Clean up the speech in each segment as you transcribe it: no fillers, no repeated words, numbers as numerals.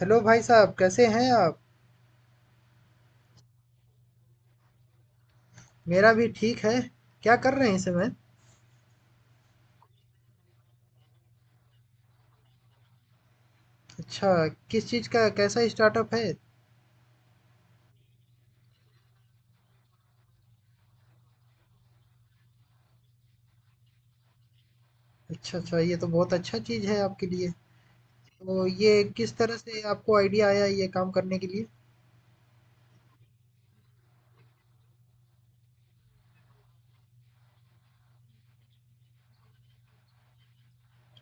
Hello भाई साहब, कैसे हैं आप। मेरा भी ठीक है। क्या कर रहे हैं इस समय। अच्छा। किस चीज़ का कैसा स्टार्टअप है। अच्छा अच्छा, ये तो बहुत अच्छा चीज़ है आपके लिए। तो ये किस तरह से आपको आइडिया आया ये काम करने के लिए।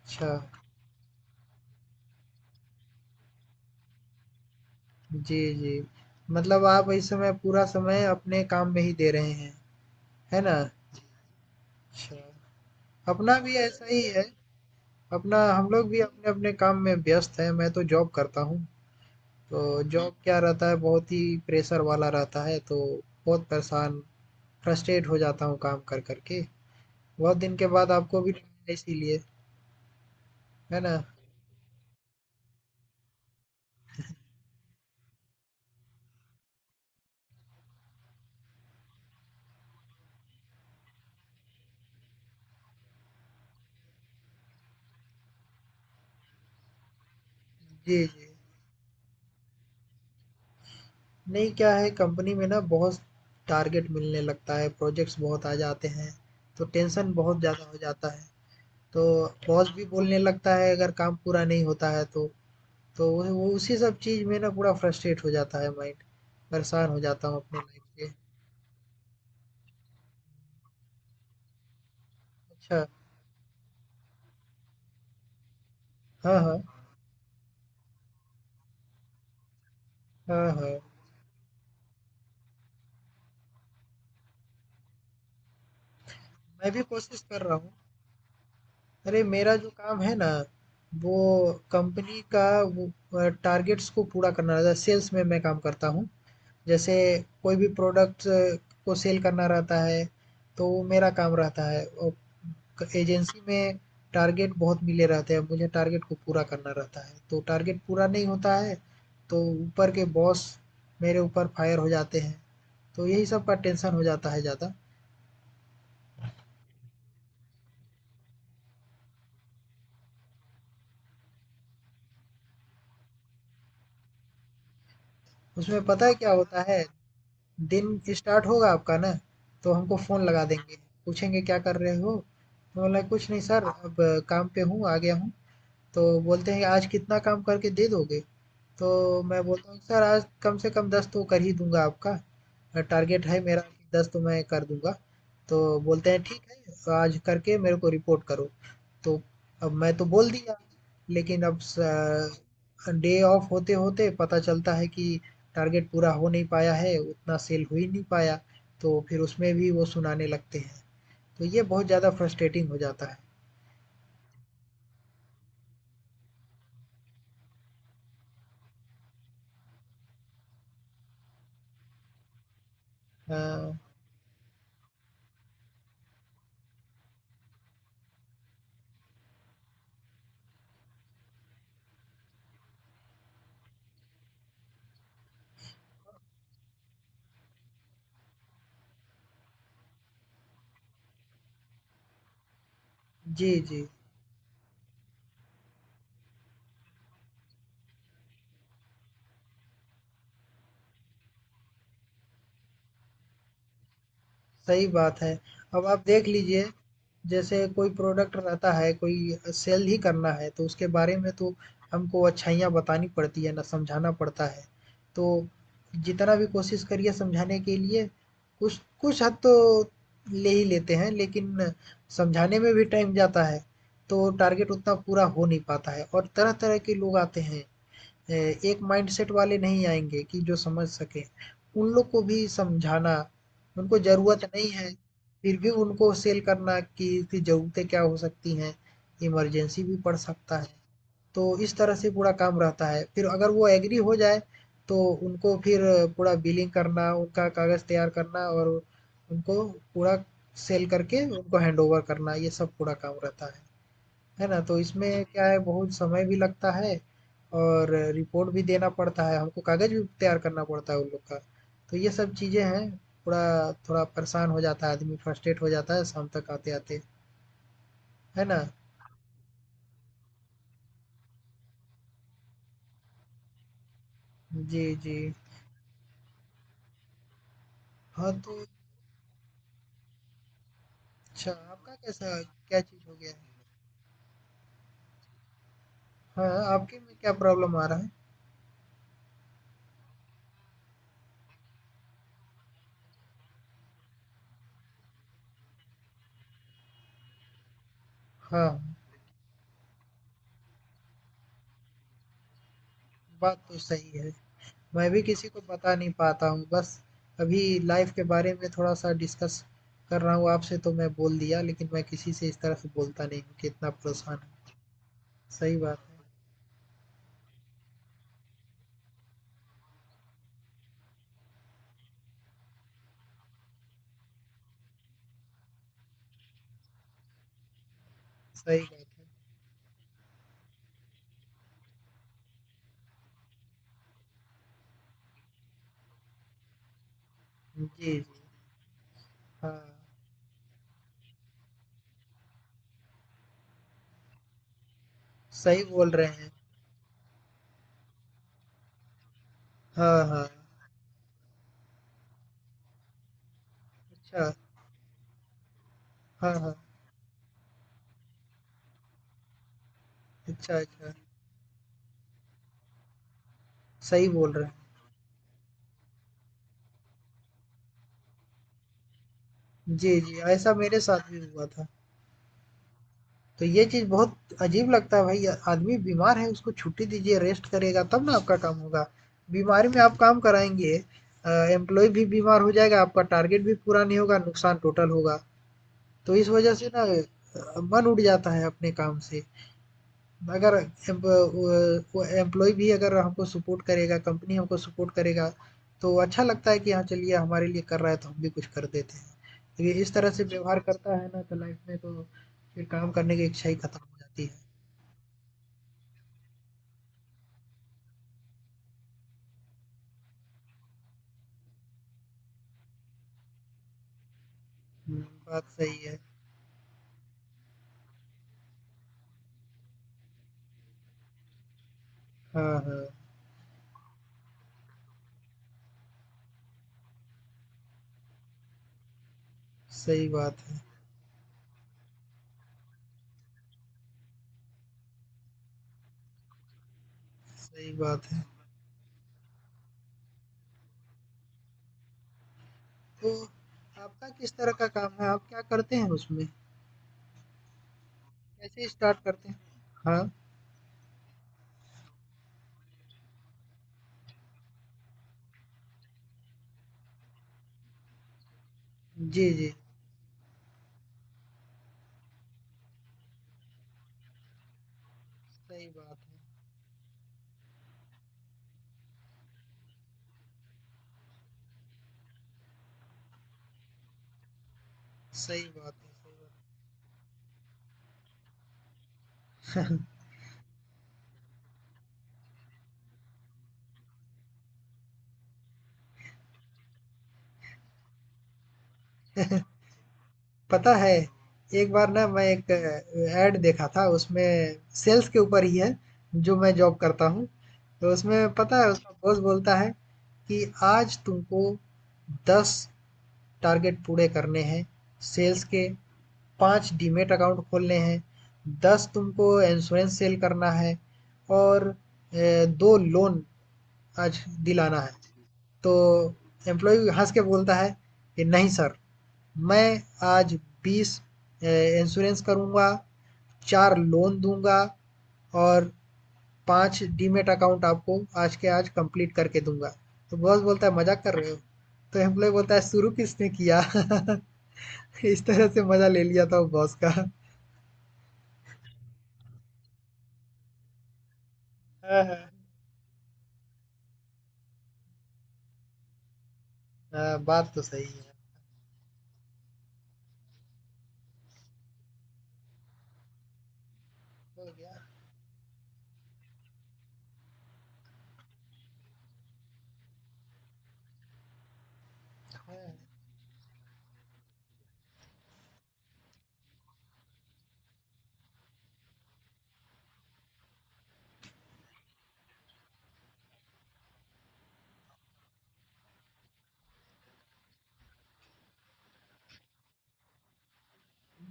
अच्छा। जी जी। मतलब आप इस समय पूरा समय अपने काम में ही दे रहे हैं, है ना। अच्छा। अपना भी ऐसा ही है। अपना हम लोग भी अपने अपने काम में व्यस्त हैं। मैं तो जॉब करता हूँ। तो जॉब क्या रहता है, बहुत ही प्रेशर वाला रहता है। तो बहुत परेशान, फ्रस्ट्रेट हो जाता हूँ काम कर कर के। बहुत दिन के बाद आपको भी मिला इसीलिए, है ना। जी जी। नहीं, क्या है कंपनी में ना, बहुत टारगेट मिलने लगता है, प्रोजेक्ट्स बहुत आ जाते हैं, तो टेंशन बहुत ज़्यादा हो जाता है। तो बॉस भी बोलने लगता है अगर काम पूरा नहीं होता है तो। तो वो उसी सब चीज़ में ना पूरा फ्रस्ट्रेट हो जाता है माइंड। परेशान हो जाता हूँ अपने लाइफ से। अच्छा। हाँ हाँ, हाँ हाँ। मैं भी कोशिश कर रहा हूँ। अरे मेरा जो काम है ना, वो कंपनी का, वो टारगेट्स को पूरा करना रहता है। सेल्स में मैं काम करता हूँ। जैसे कोई भी प्रोडक्ट को सेल करना रहता है, तो वो मेरा काम रहता है। और एजेंसी में टारगेट बहुत मिले रहते हैं मुझे। टारगेट को पूरा करना रहता है, तो टारगेट पूरा नहीं होता है, तो ऊपर के बॉस मेरे ऊपर फायर हो जाते हैं। तो यही सब का टेंशन हो जाता है ज़्यादा। उसमें पता है क्या होता है, दिन स्टार्ट होगा आपका ना, तो हमको फ़ोन लगा देंगे, पूछेंगे क्या कर रहे हो। तो बोला कुछ नहीं सर, अब काम पे हूँ, आ गया हूँ। तो बोलते हैं आज कितना काम करके दे दोगे? तो मैं बोलता हूँ सर आज कम से कम 10 तो कर ही दूँगा आपका। टारगेट है मेरा, 10 तो मैं कर दूँगा। तो बोलते हैं ठीक है, तो आज करके मेरे को रिपोर्ट करो। तो अब मैं तो बोल दिया, लेकिन अब स डे ऑफ होते-होते पता चलता है कि टारगेट पूरा हो नहीं पाया है, उतना सेल हो ही नहीं पाया। तो फिर उसमें भी वो सुनाने लगते हैं। तो ये बहुत ज़्यादा फ्रस्ट्रेटिंग हो जाता है। अ, जी, जी। सही बात है। अब आप देख लीजिए, जैसे कोई प्रोडक्ट रहता है, कोई सेल ही करना है, तो उसके बारे में तो हमको अच्छाइयाँ बतानी पड़ती है ना, समझाना पड़ता है। तो जितना भी कोशिश करिए समझाने के लिए, कुछ कुछ हद तो ले ही लेते हैं, लेकिन समझाने में भी टाइम जाता है, तो टारगेट उतना पूरा हो नहीं पाता है और तरह-तरह के लोग आते हैं। एक माइंडसेट वाले नहीं आएँगे कि जो समझ सकें। उन लोग को भी समझाना, उनको ज़रूरत नहीं है, फिर भी उनको सेल करना कि इसकी ज़रूरतें क्या हो सकती हैं, इमरजेंसी भी पड़ सकता है। तो इस तरह से पूरा काम रहता है। फिर अगर वो एग्री हो जाए, तो उनको फिर पूरा बिलिंग करना, उनका कागज़ तैयार करना और उनको पूरा सेल करके उनको हैंडओवर करना, ये सब पूरा काम रहता है। है ना? तो इसमें क्या है, बहुत समय भी लगता है और रिपोर्ट भी देना पड़ता है, हमको कागज़ भी तैयार करना पड़ता है उन लोग का। तो ये सब चीज़ें हैं, थोड़ा थोड़ा परेशान हो जाता है आदमी, फ्रस्ट्रेट हो जाता है शाम तक आते-आते, है ना? जी, जी। हाँ, तो अच्छा, आपका कैसा, क्या चीज़ हो गया है? हाँ, आपके में क्या प्रॉब्लम आ रहा है? हाँ, बात तो सही है। मैं भी किसी को बता नहीं पाता हूँ। बस अभी लाइफ़ के बारे में थोड़ा-सा डिस्कस कर रहा हूँ आपसे, तो मैं बोल दिया, लेकिन मैं किसी से इस तरह से बोलता नहीं हूँ कि इतना परेशान हूँ। सही बात है, सही बात है। जी, जी। हाँ, सही बोल रहे हैं। हाँ, हाँ। अच्छा। हाँ, हाँ। अच्छा, अच्छा। सही बोल रहे हैं। जी, जी, ऐसा मेरे साथ भी हुआ था। तो ये चीज़ बहुत अजीब लगता है भाई। आदमी बीमार है, उसको छुट्टी दीजिए, रेस्ट करेगा तब ना आपका काम होगा। बीमारी में आप काम कराएंगे, एम्प्लॉय भी बीमार हो जाएगा, आपका टारगेट भी पूरा नहीं होगा, नुकसान टोटल होगा। तो इस वजह से ना मन उड़ जाता है अपने काम से। अगर एम्प्लॉय भी, अगर हमको सपोर्ट करेगा, कंपनी हमको सपोर्ट करेगा, तो अच्छा लगता है कि हाँ चलिए, हमारे लिए कर रहा है तो हम भी कुछ कर देते हैं। तो ये इस तरह से व्यवहार करता है ना, तो लाइफ में तो फिर काम करने की इच्छा ही खत्म हो जाती है। हुँ, बात सही है। हाँ, हाँ, सही बात है, सही बात है। तो आपका किस तरह का काम है? आप क्या करते हैं उसमें? कैसे स्टार्ट करते हैं? हाँ, जी, जी, सही बात है, सही बात है, सही बात है। पता है, एक बार ना मैं एक ऐड देखा था, उसमें सेल्स के ऊपर ही है, जो मैं जॉब करता हूँ। तो उसमें पता है उसका बॉस बोलता है कि आज तुमको 10 टारगेट पूरे करने हैं, सेल्स के 5 डीमेट अकाउंट खोलने हैं, 10 तुमको इंश्योरेंस सेल करना है और 2 लोन आज दिलाना है। तो एम्प्लॉय हंस के बोलता है कि नहीं सर, मैं आज 20 इंश्योरेंस करूँगा, 4 लोन दूंगा और 5 डीमेट अकाउंट आपको आज के आज कंप्लीट करके दूंगा। तो बॉस बोलता है मजाक कर रहे हो। तो एम्प्लॉय बोलता है शुरू किसने किया। इस तरह से मजा ले लिया था वो बॉस का। हाँ, हाँ। हाँ, बात तो सही है। हो गया।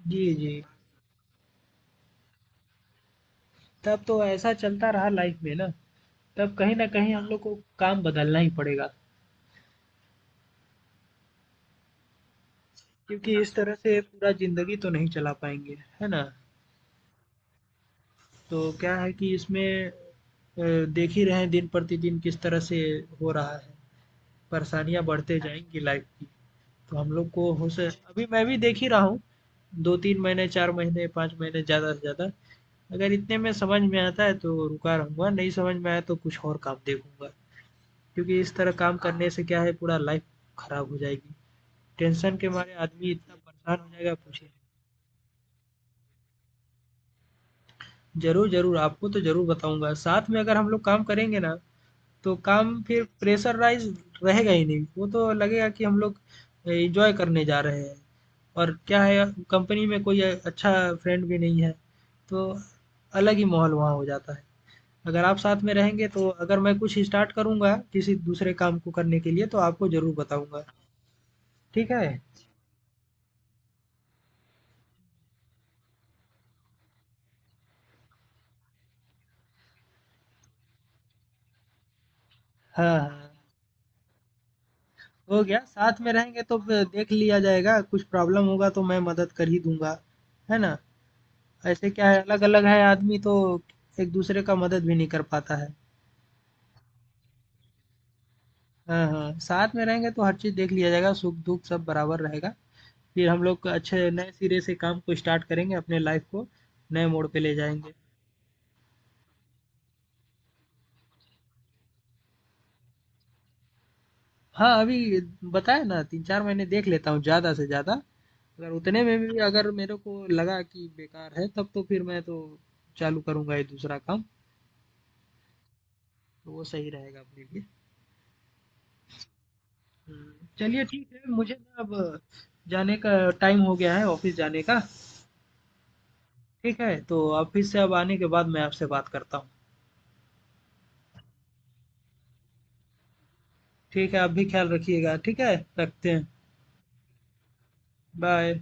जी जी। तब तो ऐसा चलता रहा लाइफ में ना, तब कहीं ना कहीं हम लोग को काम बदलना ही पड़ेगा, क्योंकि इस तरह से पूरा जिंदगी तो नहीं चला पाएंगे, है ना। तो क्या है कि इसमें देख ही रहे हैं दिन प्रतिदिन किस तरह से हो रहा है, परेशानियाँ बढ़ते जाएँगी लाइफ की। तो हम लोग को हो स अभी मैं भी देख ही रहा हूँ, 2-3 महीने, 4 महीने, 5 महीने ज़्यादा से ज़्यादा। अगर इतने में समझ में आता है तो रुका रहूँगा, नहीं समझ में आया तो कुछ और काम देखूँगा। क्योंकि इस तरह काम करने से क्या है पूरा लाइफ खराब हो जाएगी। टेंशन के मारे आदमी इतना परेशान हो जाएगा, पूछिए मत। ज़रूर, ज़रूर, आपको तो ज़रूर बताऊँगा। साथ में अगर हम लोग काम करेंगे ना, तो काम फिर प्रेशराइज़ रहेगा ही नहीं। वो तो लगेगा कि हम लोग एन्जॉय करने जा रहे हैं। और क्या है, कंपनी में कोई अच्छा फ्रेंड भी नहीं है, तो अलग ही माहौल वहाँ हो जाता है। अगर आप साथ में रहेंगे, तो अगर मैं कुछ स्टार्ट करूँगा किसी दूसरे काम को करने के लिए तो आपको ज़रूर बताऊँगा, ठीक है? हाँ, हाँ। हो गया, साथ में रहेंगे तो ब देख लिया जाएगा, कुछ प्रॉब्लम होगा तो मैं मदद कर ही दूँगा, है ना? ऐसे क्या है, अलग-अलग है आदमी, तो एक दूसरे का मदद भी नहीं कर पाता है। हाँ, हाँ, साथ में रहेंगे तो हर चीज़ देख लिया जाएगा, सुख-दुःख सब बराबर रहेगा। फिर हम लोग अच्छे नए सिरे से काम को स्टार्ट करेंगे, अपने लाइफ़ को नए मोड़ पे ले जाएँगे। हाँ, अभी बताया ना, 3-4 महीने देख लेता हूँ ज़्यादा से ज़्यादा, अगर उतने में भी अगर मेरे को लगा कि बेकार है, तब तो फिर मैं तो चालू करूँगा ये दूसरा काम, तो वो सही रहेगा अपने लिए। हुँ, चलिए ठीक है, मुझे ना अब जाने का टाइम हो गया है, ऑफ़िस जाने का, ठीक है? तो ऑफ़िस से अब आने के बाद मैं आपसे बात करता हूँ। ठीक है, आप भी ख्याल रखिएगा, ठीक है? रखते हैं, बाय।